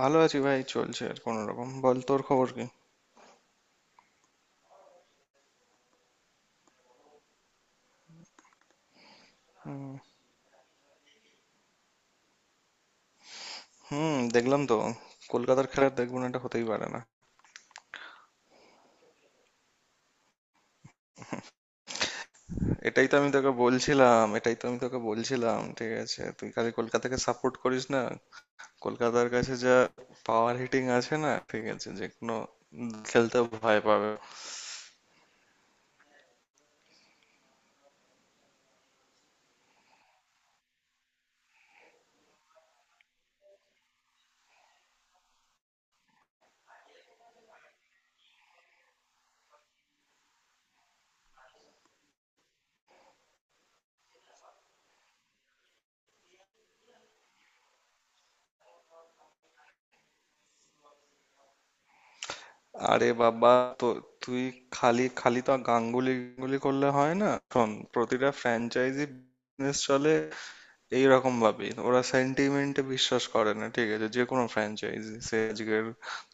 ভালো আছি ভাই, চলছে আর কোনো রকম। বল, তোর খবর কি? হুম। হুম, দেখলাম তো। কলকাতার খেলা দেখবো না, এটা হতেই পারে না। এটাই তো আমি তোকে বলছিলাম, এটাই তো আমি তোকে বলছিলাম, ঠিক আছে? তুই খালি কলকাতাকে সাপোর্ট করিস না। কলকাতার কাছে যা পাওয়ার হিটিং আছে, না, ঠিক আছে, যে কোনো খেলতে ভয় পাবে। আরে বাবা, তো তুই খালি খালি তো গাঙ্গুলি গাঙ্গুলি করলে হয় না। শোন, প্রতিটা ফ্র্যাঞ্চাইজি বিজনেস চলে এইরকম ভাবেই। ওরা সেন্টিমেন্টে বিশ্বাস করে না, ঠিক আছে? যে কোনো ফ্র্যাঞ্চাইজি, সে আজকের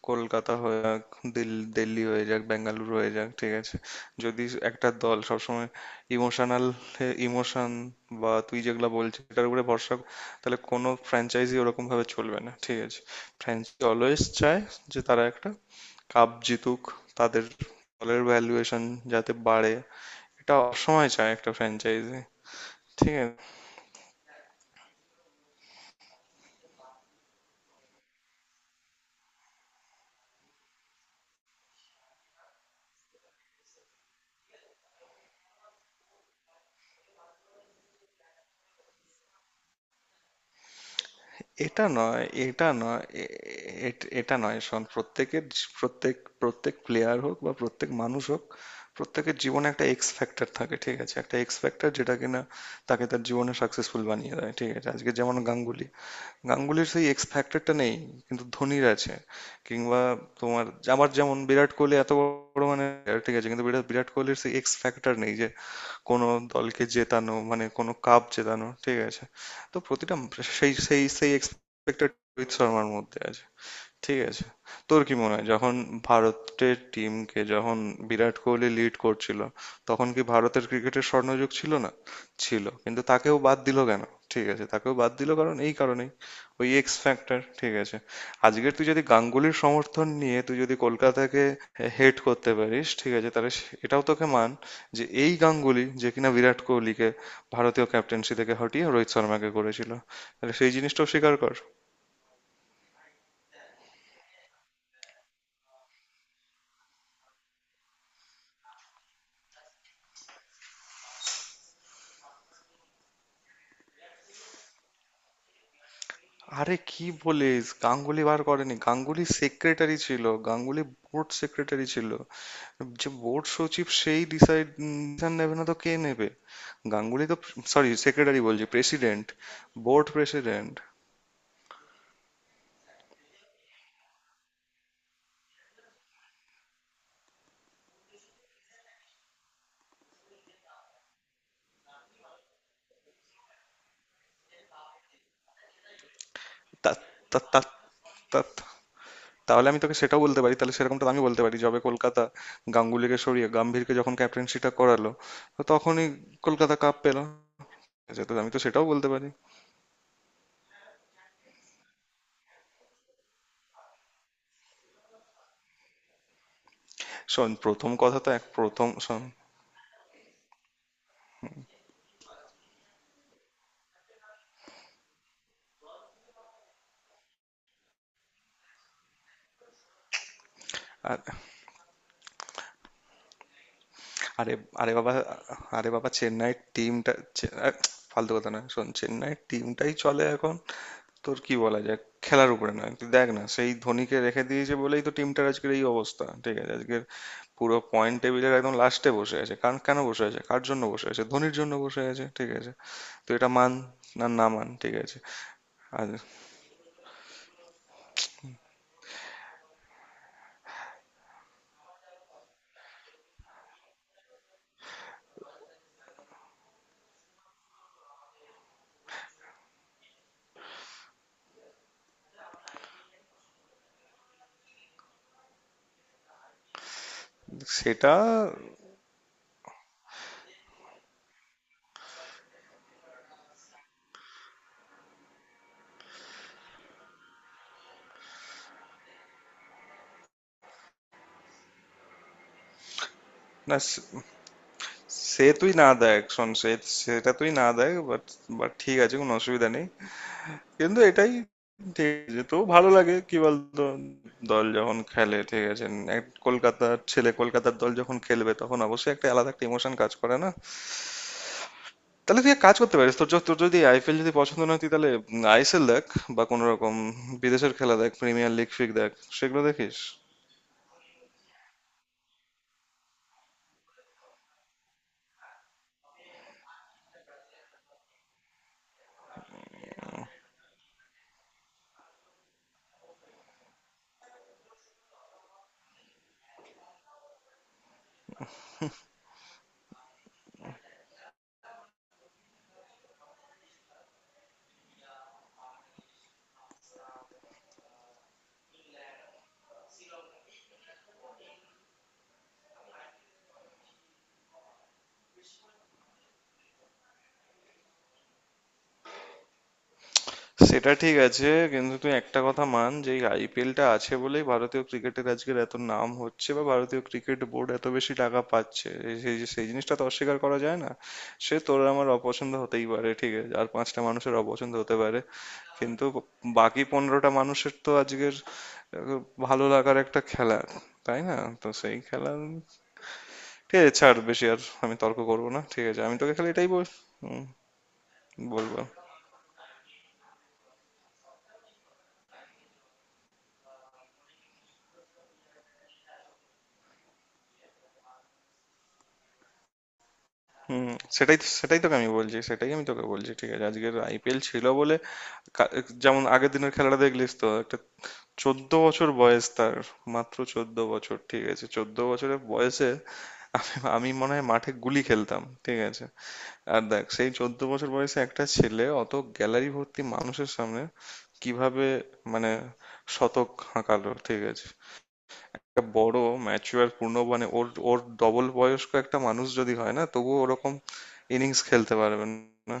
কলকাতা হয়ে যাক, দিল্লি হয়ে যাক, বেঙ্গালুরু হয়ে যাক, ঠিক আছে। যদি একটা দল সবসময় ইমোশনাল, ইমোশন বা তুই যেগুলা বলছিস এটার উপরে তাহলে কোনো ফ্র্যাঞ্চাইজি ওরকম ভাবে চলবে না, ঠিক আছে। ফ্র্যাঞ্চাইজি অলওয়েজ চায় যে তারা একটা কাপ জিতুক, তাদের দলের ভ্যালুয়েশন যাতে বাড়ে। এটা সবসময় চায় একটা ফ্র্যাঞ্চাইজি, ঠিক আছে। এটা নয়, এটা নয়, এ- এটা নয়। শোন, প্রত্যেক প্লেয়ার হোক বা প্রত্যেক মানুষ হোক, প্রত্যেকের জীবনে একটা এক্স ফ্যাক্টর থাকে, ঠিক আছে? একটা এক্স ফ্যাক্টর যেটা কিনা তাকে তার জীবনে সাকসেসফুল বানিয়ে দেয়, ঠিক আছে? আজকে যেমন গাঙ্গুলি, গাঙ্গুলির সেই এক্স ফ্যাক্টরটা নেই, কিন্তু ধোনির আছে। কিংবা তোমার আমার যেমন বিরাট কোহলি, এত বড় মানে player, ঠিক আছে? কিন্তু বিরাট বিরাট কোহলির সেই এক্স ফ্যাক্টর নেই যে কোনো দলকে জেতানো, মানে কোনো কাপ জেতানো, ঠিক আছে। তো প্রতিটা সেই সেই সেই এক্সপেক্টেড রোহিত শর্মার মধ্যে আছে, ঠিক আছে। তোর কি মনে হয়, যখন ভারতের টিমকে যখন বিরাট কোহলি লিড করছিল তখন কি ভারতের ক্রিকেটের স্বর্ণযুগ ছিল না? ছিল। কিন্তু তাকেও বাদ দিল কেন? ঠিক আছে, তাকেও বাদ দিল কারণ এই কারণেই, ওই এক্স ফ্যাক্টর, ঠিক আছে। আজকের তুই যদি গাঙ্গুলির সমর্থন নিয়ে তুই যদি কলকাতাকে হেড করতে পারিস, ঠিক আছে, তাহলে এটাও তোকে মান, যে এই গাঙ্গুলি যে কিনা বিরাট কোহলিকে ভারতীয় ক্যাপ্টেন্সি থেকে হটিয়ে রোহিত শর্মাকে করেছিল, তাহলে সেই জিনিসটাও স্বীকার কর। আরে কি বলিস, গাঙ্গুলি বার করেনি? গাঙ্গুলি সেক্রেটারি ছিল, গাঙ্গুলি বোর্ড সেক্রেটারি ছিল, যে বোর্ড সচিব, সেই ডিসাইড নেবে না তো কে নেবে? গাঙ্গুলি তো, সরি সেক্রেটারি বলছি, প্রেসিডেন্ট, বোর্ড প্রেসিডেন্ট। তাহলে আমি তোকে সেটাও বলতে পারি, তাহলে সেরকমটা আমি বলতে পারি, যবে কলকাতা গাঙ্গুলিকে সরিয়ে গাম্ভীরকে যখন ক্যাপ্টেন্সিটা করালো, তো তখনই কলকাতা কাপ পেল, ঠিক আছে, তো আমি তো সেটাও বলতে পারি। শোন, প্রথম কথা তো এক, প্রথম শোন। আর আরে আরে বাবা, চেন্নাইয়ের টিমটা ফালতু কথা না। শোন, চেন্নাইয়ের টিমটাই চলে এখন, তোর কি বলা যায় খেলার উপরে। না, তুই দেখ না, সেই ধোনিকে রেখে দিয়েছে বলেই তো টিমটার আজকের এই অবস্থা, ঠিক আছে। আজকের পুরো পয়েন্ট টেবিলের একদম লাস্টে বসে আছে। কারণ কেন বসে আছে, কার জন্য বসে আছে? ধোনির জন্য বসে আছে, ঠিক আছে। তো এটা মান, না না মান, ঠিক আছে। আর সেটা না, সে তুই না দেখ শোন সে সেটা তুই না দেখ, বাট বাট ঠিক আছে, কোনো অসুবিধা নেই। কিন্তু এটাই ঠিক, যে তো ভালো লাগে কি বলতো, দল যখন খেলে, ঠিক আছে। এক কলকাতার ছেলে, কলকাতার দল যখন খেলবে তখন অবশ্যই একটা আলাদা একটা ইমোশন কাজ করে, না? তাহলে তুই এক কাজ করতে পারিস, তোর যদি আইপিএল যদি পছন্দ না হয়, তুই তাহলে আইএসএল দেখ, বা কোনো রকম বিদেশের খেলা দেখ, প্রিমিয়ার লিগ ফিগ দেখ, সেগুলো দেখিস। সেটা ঠিক আছে। কিন্তু তুই একটা কথা মান, যে এই আইপিএলটা আছে বলেই ভারতীয় ক্রিকেটের আজকের এত নাম হচ্ছে, বা ভারতীয় ক্রিকেট বোর্ড এত বেশি টাকা পাচ্ছে, সেই সেই জিনিসটা তো অস্বীকার করা যায় না। সে তোর আর আমার অপছন্দ হতেই পারে, ঠিক আছে, আর পাঁচটা মানুষের অপছন্দ হতে পারে, কিন্তু বাকি 15টা মানুষের তো আজকের আহ, ভালো লাগার একটা খেলা, তাই না? তো সেই খেলা, ঠিক আছে, ছাড় বেশি আর আমি তর্ক করবো না, ঠিক আছে, আমি তোকে খালি এটাই বল। হুম, বলবো। হুম, সেটাই তো, সেটাই তোকে আমি বলছি, সেটাই আমি তোকে বলছি, ঠিক আছে। আজকের আইপিএল ছিল বলে, কা- যেমন আগের দিনের খেলাটা দেখলিস তো। একটা 14 বছর বয়স তার, মাত্র 14 বছর, ঠিক আছে, 14 বছরের বয়সে আমি আমি মনে হয় মাঠে গুলি খেলতাম, ঠিক আছে। আর দেখ, সেই 14 বছর বয়সে একটা ছেলে অত গ্যালারি ভর্তি মানুষের সামনে কিভাবে মানে শতক হাঁকালো, ঠিক আছে। একটা বড় ম্যাচিওর পূর্ণ, মানে ওর ওর ডবল বয়স্ক একটা মানুষ যদি হয় না, তবুও ওরকম ইনিংস খেলতে পারবেন না।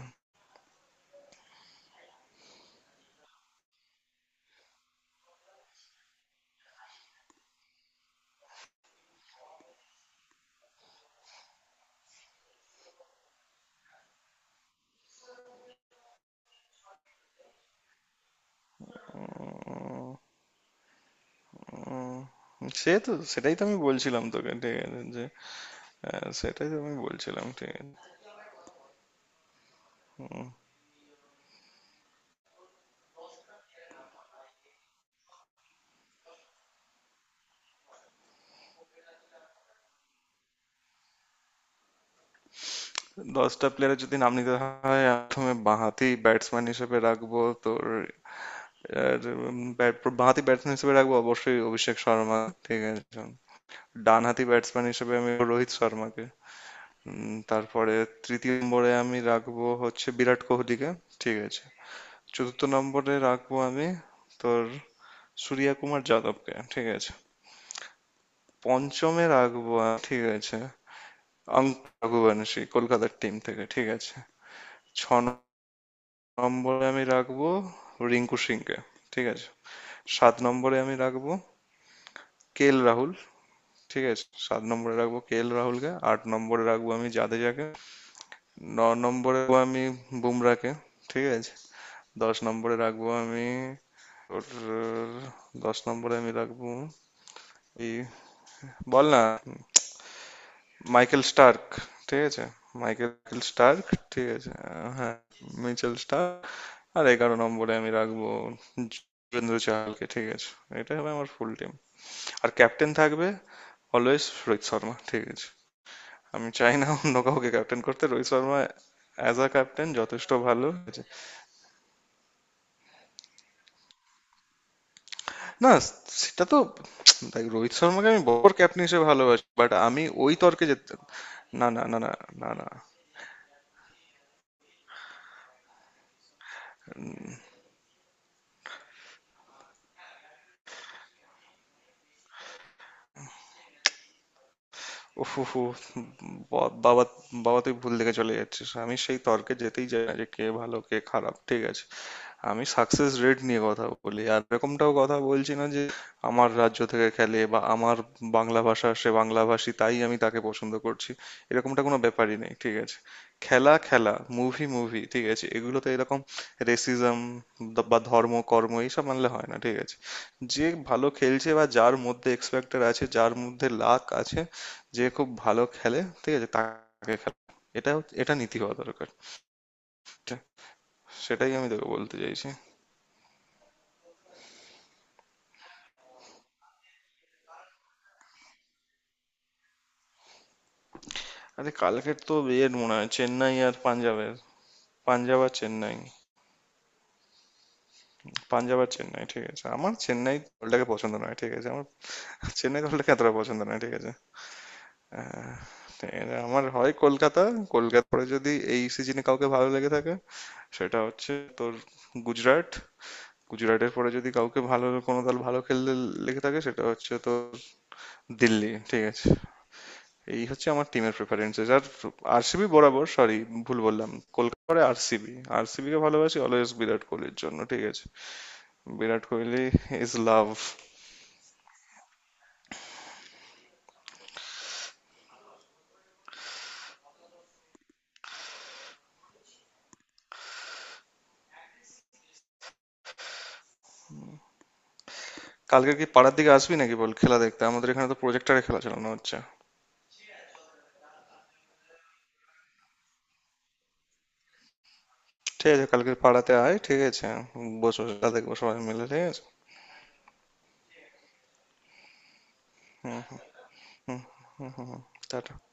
উম, উম, সে তো সেটাই তো আমি বলছিলাম তোকে, ঠিক আছে, যে হ্যাঁ, সেটাই তো আমি বলছিলাম, ঠিক আছে। হুম। 10টা প্লেয়ারের যদি নাম নিতে হয়, প্রথমে বাঁহাতি ব্যাটসম্যান হিসেবে রাখবো তোর, আর, বাঁহাতি ব্যাটসম্যান হিসেবে রাখবো অবশ্যই অভিষেক শর্মা, ঠিক আছে। ডানহাতি ব্যাটসম্যান হিসেবে আমি রোহিত শর্মাকে, তারপরে তৃতীয় নম্বরে আমি রাখবো হচ্ছে বিরাট কোহলিকে, ঠিক আছে। চতুর্থ নম্বরে রাখবো আমি তোর সূর্য কুমার যাদবকে, ঠিক আছে। পঞ্চমে রাখবো ঠিক আছে, অঙ্ক রঘুবংশী, কলকাতার টিম থেকে, ঠিক আছে। ছ নম্বরে আমি রাখবো রিঙ্কু সিংকে, ঠিক আছে। 7 নম্বরে আমি রাখবো কেএল রাহুল, ঠিক আছে, 7 নম্বরে রাখবো কেএল রাহুলকে, 8 নম্বরে রাখবো আমি জাদেজাকে, 9 নম্বরে রাখবো আমি বুমরাকে, ঠিক আছে। 10 নম্বরে রাখবো আমি, ওর 10 নম্বরে আমি রাখবো, এই বল না, মাইকেল স্টার্ক, ঠিক আছে, মাইকেল স্টার্ক, ঠিক আছে, আহ, হ্যাঁ, মিচেল স্টার্ক। আর 11 নম্বরে আমি রাখবো যুবেন্দ্র চাহালকে, ঠিক আছে। এটাই হবে আমার ফুল টিম। আর ক্যাপ্টেন থাকবে অলওয়েজ রোহিত শর্মা, ঠিক আছে। আমি চাই না অন্য কাউকে ক্যাপ্টেন করতে। Rohit Sharma as a captain যথেষ্ট ভালো। না, সেটা তো দেখ, রোহিত শর্মাকে আমি বড় ক্যাপ্টেন হিসেবে ভালোবাসি, বাট আমি ওই তর্কে যেতে, না না না না না না, উফু হু, বাবা, বাবা, তুই ভুল দিকে চলে যাচ্ছিস। আমি সেই তর্কে যেতেই চাই না, যে কে ভালো কে খারাপ, ঠিক আছে। আমি সাকসেস রেট নিয়ে কথা বলি। আর এরকমটাও কথা বলছি না যে আমার রাজ্য থেকে খেলে, বা আমার বাংলা ভাষা, সে বাংলাভাষী, তাই আমি তাকে পছন্দ করছি, এরকমটা কোনো ব্যাপারই নেই, ঠিক আছে। খেলা খেলা, মুভি মুভি, ঠিক আছে, এগুলোতে এরকম রেসিজম বা ধর্ম কর্ম এইসব মানলে হয় না, ঠিক আছে। যে ভালো খেলছে, বা যার মধ্যে এক্স ফ্যাক্টর আছে, যার মধ্যে লাক আছে, যে খুব ভালো খেলে, ঠিক আছে, তাকে খেলা, এটা এটা নীতি হওয়া দরকার। ঠিক- সেটাই আমি তোকে বলতে চাইছি। আরে কালকের তো ইয়ের মনে হয় চেন্নাই আর পাঞ্জাবের, পাঞ্জাব আর চেন্নাই পাঞ্জাব আর চেন্নাই, ঠিক আছে। আমার চেন্নাই দলটাকে পছন্দ নয়, ঠিক আছে, চেন্নাই দলটাকে এতটা পছন্দ নয়, ঠিক আছে। হ্যাঁ, এরা আমার হয় কলকাতা, কলকাতা পরে যদি এই সিজনে কাউকে ভালো লেগে থাকে সেটা হচ্ছে তোর গুজরাট। গুজরাটের পরে যদি কাউকে ভালো, কোনো দল ভালো খেলতে লেগে থাকে, সেটা হচ্ছে তোর দিল্লি, ঠিক আছে। এই হচ্ছে আমার টিমের প্রেফারেন্সেস। আর আরসিবি বরাবর, সরি ভুল বললাম, কলকাতা পরে আরসিবি, কে ভালোবাসি অলওয়েজ বিরাট কোহলির জন্য, ঠিক আছে। Virat Kohli is love. কালকে কি পাড়ার দিকে আসবি নাকি? বল, খেলা দেখতে আমাদের এখানে তো প্রজেক্টরে খেলা চালানো হচ্ছে। ঠিক আছে, কালকে পাড়াতে আয়, ঠিক আছে, বসে খেলা দেখবো সবাই মিলে, ঠিক আছে। হুম। হুম। হুম হুম হুম টাটা।